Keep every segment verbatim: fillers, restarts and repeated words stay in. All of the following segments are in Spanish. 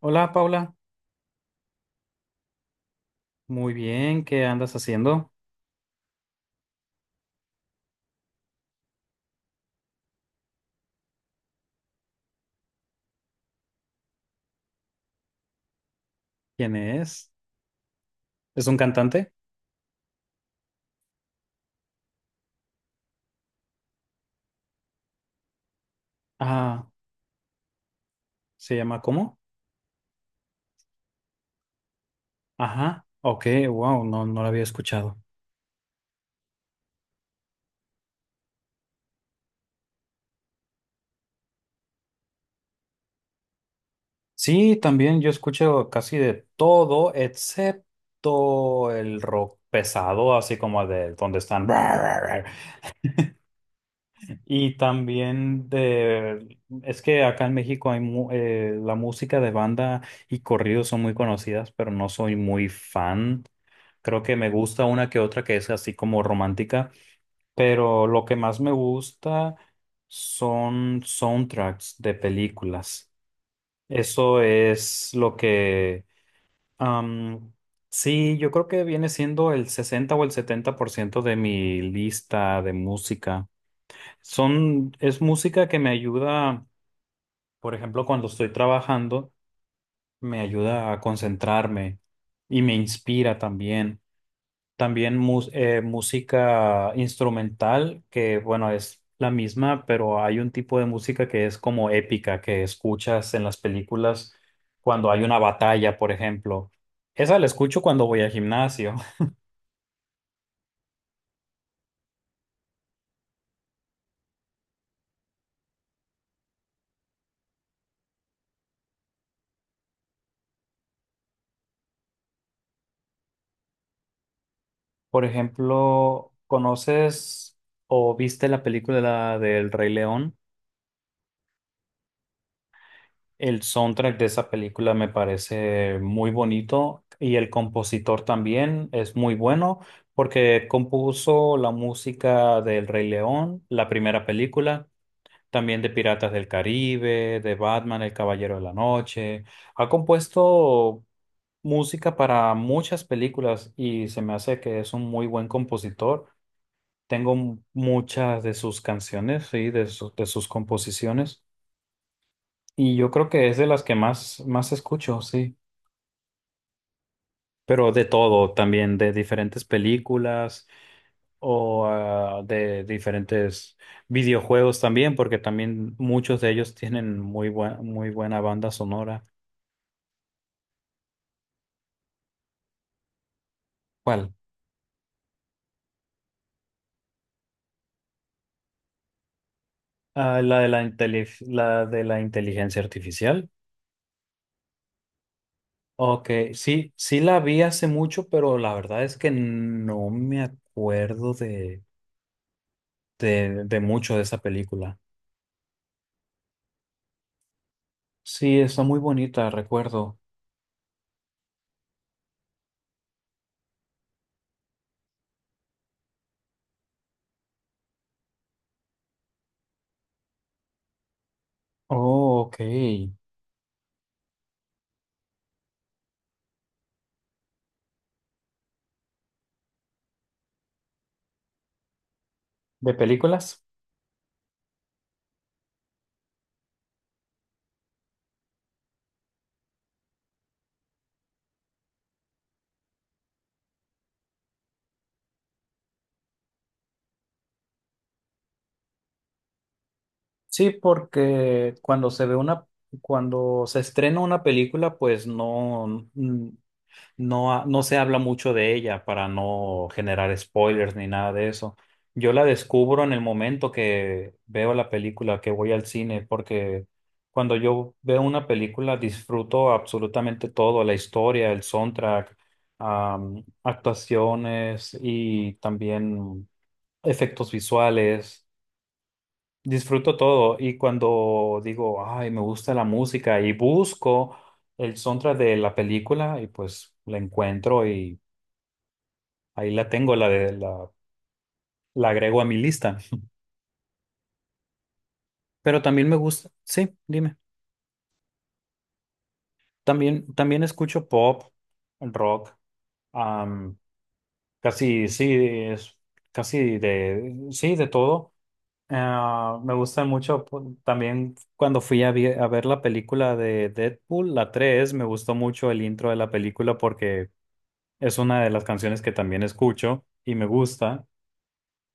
Hola Paula, muy bien, ¿qué andas haciendo? ¿Quién es? ¿Es un cantante? Ah, ¿se llama cómo? Ajá, ok, wow, no, no lo había escuchado. Sí, también yo escucho casi de todo, excepto el rock pesado, así como de donde están. Y también de, es que acá en México hay mu- eh, la música de banda y corridos son muy conocidas, pero no soy muy fan. Creo que me gusta una que otra que es así como romántica, pero lo que más me gusta son soundtracks de películas. Eso es lo que... am, sí, yo creo que viene siendo el sesenta o el setenta por ciento de mi lista de música. Son, es música que me ayuda, por ejemplo, cuando estoy trabajando, me ayuda a concentrarme y me inspira también. También mus- eh, música instrumental, que bueno, es la misma, pero hay un tipo de música que es como épica, que escuchas en las películas cuando hay una batalla, por ejemplo. Esa la escucho cuando voy al gimnasio. Por ejemplo, ¿conoces o viste la película del Rey León? El soundtrack de esa película me parece muy bonito y el compositor también es muy bueno porque compuso la música del Rey León, la primera película, también de Piratas del Caribe, de Batman, El Caballero de la Noche. Ha compuesto música para muchas películas y se me hace que es un muy buen compositor. Tengo muchas de sus canciones, sí, de sus de sus composiciones. Y yo creo que es de las que más, más escucho, sí. Pero de todo también, de diferentes películas o ah, de diferentes videojuegos también, porque también muchos de ellos tienen muy buena, muy buena banda sonora. ¿Cuál? Ah, la de la inteli- la de la inteligencia artificial. Ok, sí, sí la vi hace mucho, pero la verdad es que no me acuerdo de, de, de mucho de esa película. Sí, está muy bonita, recuerdo. Oh, ok. ¿De películas? Sí, porque cuando se ve una, cuando se estrena una película, pues no. No, ha- no se habla mucho de ella para no generar spoilers ni nada de eso. Yo la descubro en el momento que veo la película, que voy al cine, porque cuando yo veo una película disfruto absolutamente todo, la historia, el soundtrack, am, actuaciones y también efectos visuales. Disfruto todo y cuando digo, ay, me gusta la música y busco el soundtrack de la película y pues la encuentro y ahí la tengo, la de la, la agrego a mi lista. Pero también me gusta, sí, dime, también, también escucho pop, rock, casi, sí, es casi de, sí, de todo. Ah, me gusta mucho pu- también cuando fui a, vi- a ver la película de Deadpool, la tres me gustó mucho el intro de la película porque es una de las canciones que también escucho y me gusta.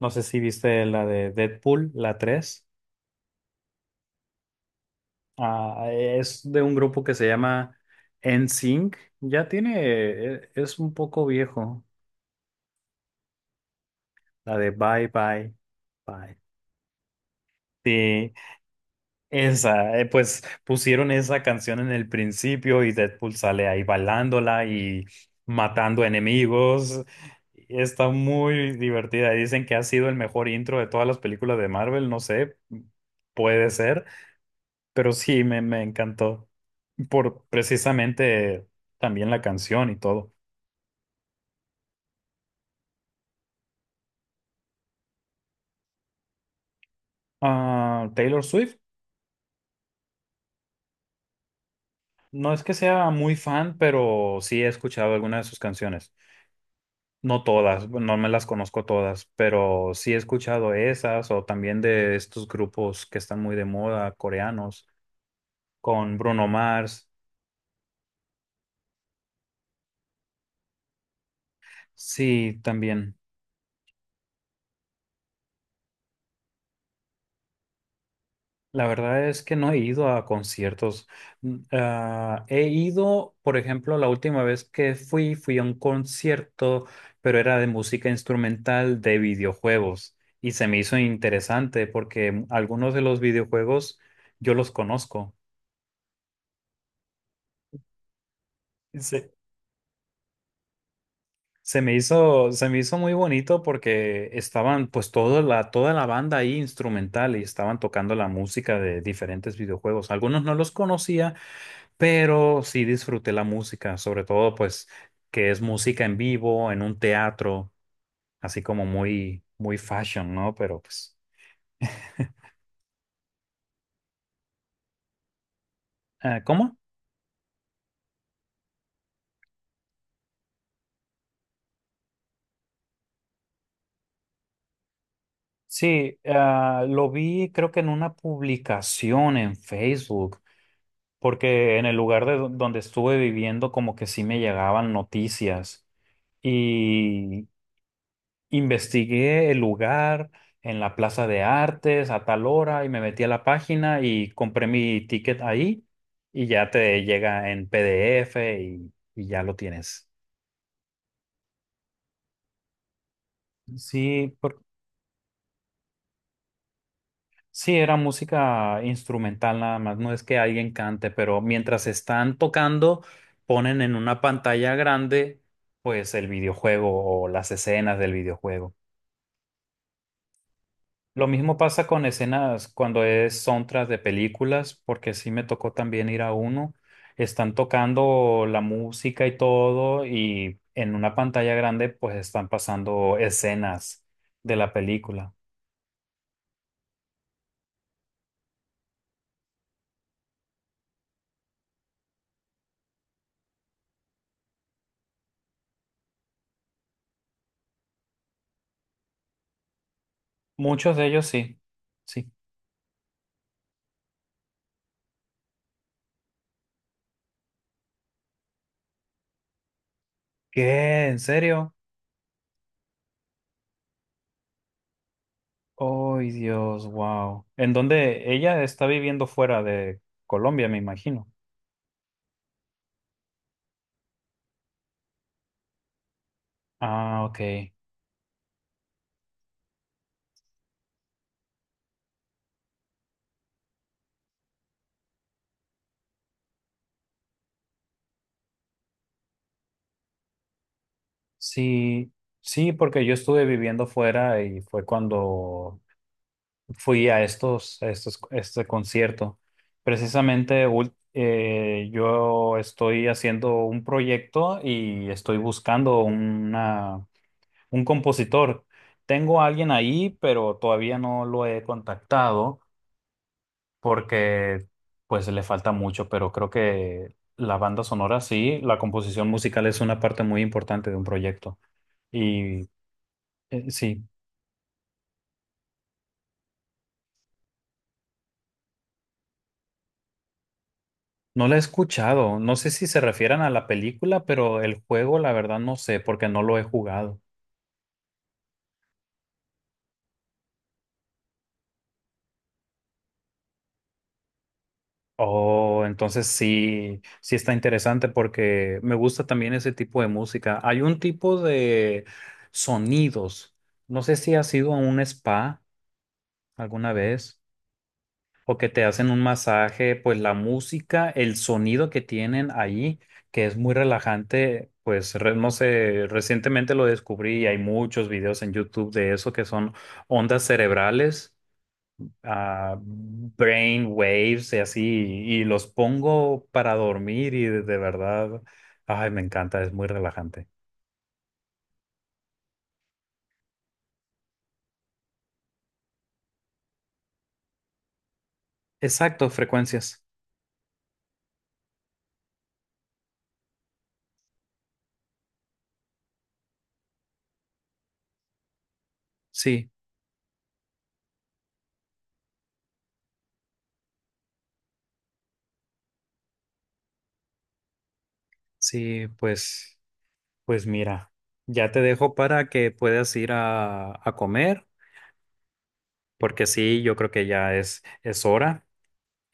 No sé si viste la de Deadpool, la tres. Ah, es de un grupo que se llama N SYNC. Ya tiene, e- es un poco viejo, la de Bye Bye Bye. Sí, esa, eh, pues pusieron esa canción en el principio y Deadpool sale ahí bailándola y matando enemigos. Está muy divertida. Dicen que ha sido el mejor intro de todas las películas de Marvel, no sé, puede ser, pero sí me, me encantó por precisamente también la canción y todo. Ah, Taylor Swift, no es que sea muy fan, pero sí he escuchado algunas de sus canciones. No todas, no me las conozco todas, pero sí he escuchado esas o también de estos grupos que están muy de moda, coreanos, con Bruno Mars. Sí, también. La verdad es que no he ido a conciertos. Mm, ah, he ido, por ejemplo, la última vez que fui, fui a un concierto, pero era de música instrumental de videojuegos y se me hizo interesante porque mm, algunos de los videojuegos yo los conozco. Sí. Se me hizo, se me hizo muy bonito porque estaban pues toda la, toda la banda ahí instrumental y estaban tocando la música de diferentes videojuegos. Algunos no los conocía, pero sí disfruté la música, sobre todo pues que es música en vivo, en un teatro, así como muy, muy fashion, ¿no? Pero pues, eh, ¿cómo? Sí, ah, lo vi creo que en una publicación en Facebook, porque en el lugar de do- donde estuve viviendo como que sí me llegaban noticias y investigué el lugar en la Plaza de Artes a tal hora y me metí a la página y compré mi ticket ahí y ya te llega en P D F y, y ya lo tienes. Sí, por- sí, era música instrumental nada más, no es que alguien cante, pero mientras están tocando, ponen en una pantalla grande pues el videojuego o las escenas del videojuego. Lo mismo pasa con escenas cuando es soundtrack de películas, porque sí me tocó también ir a uno. Están tocando la música y todo, y en una pantalla grande pues están pasando escenas de la película. Muchos de ellos sí. Sí. ¿Qué? ¿En serio? ¡Ay, Dios! ¡Wow! En donde ella está viviendo fuera de Colombia, me imagino. Ah, ok. Sí, sí, porque yo estuve viviendo fuera y fue cuando fui a estos, a estos, este concierto. Precisamente ul- eh, yo estoy haciendo un proyecto y estoy buscando una, un compositor. Tengo a alguien ahí, pero todavía no lo he contactado porque pues le falta mucho, pero creo que la banda sonora sí, la composición musical es una parte muy importante de un proyecto. Y eh, sí. No la he escuchado. No sé si se refieren a la película, pero el juego, la verdad, no sé, porque no lo he jugado. Oh, entonces sí, sí está interesante porque me gusta también ese tipo de música. Hay un tipo de sonidos. No sé si has ido a un spa alguna vez, o que te hacen un masaje, pues la música, el sonido que tienen ahí, que es muy relajante, pues re- no sé, recientemente lo descubrí y hay muchos videos en YouTube de eso que son ondas cerebrales, ah, brain waves y así, y, los pongo para dormir y de, de verdad, ay, me encanta, es muy relajante. Exacto, frecuencias. Sí, sí, pues, pues mira. Ya te dejo para que puedas ir a, a comer. Porque sí, yo creo que ya es, es hora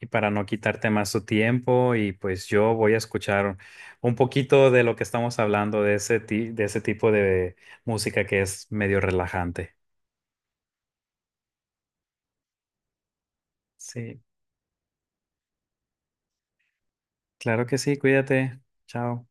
y para no quitarte más tu tiempo y pues yo voy a escuchar un poquito de lo que estamos hablando de ese ti- de ese tipo de música que es medio relajante. Sí, claro que sí, cuídate. Chao.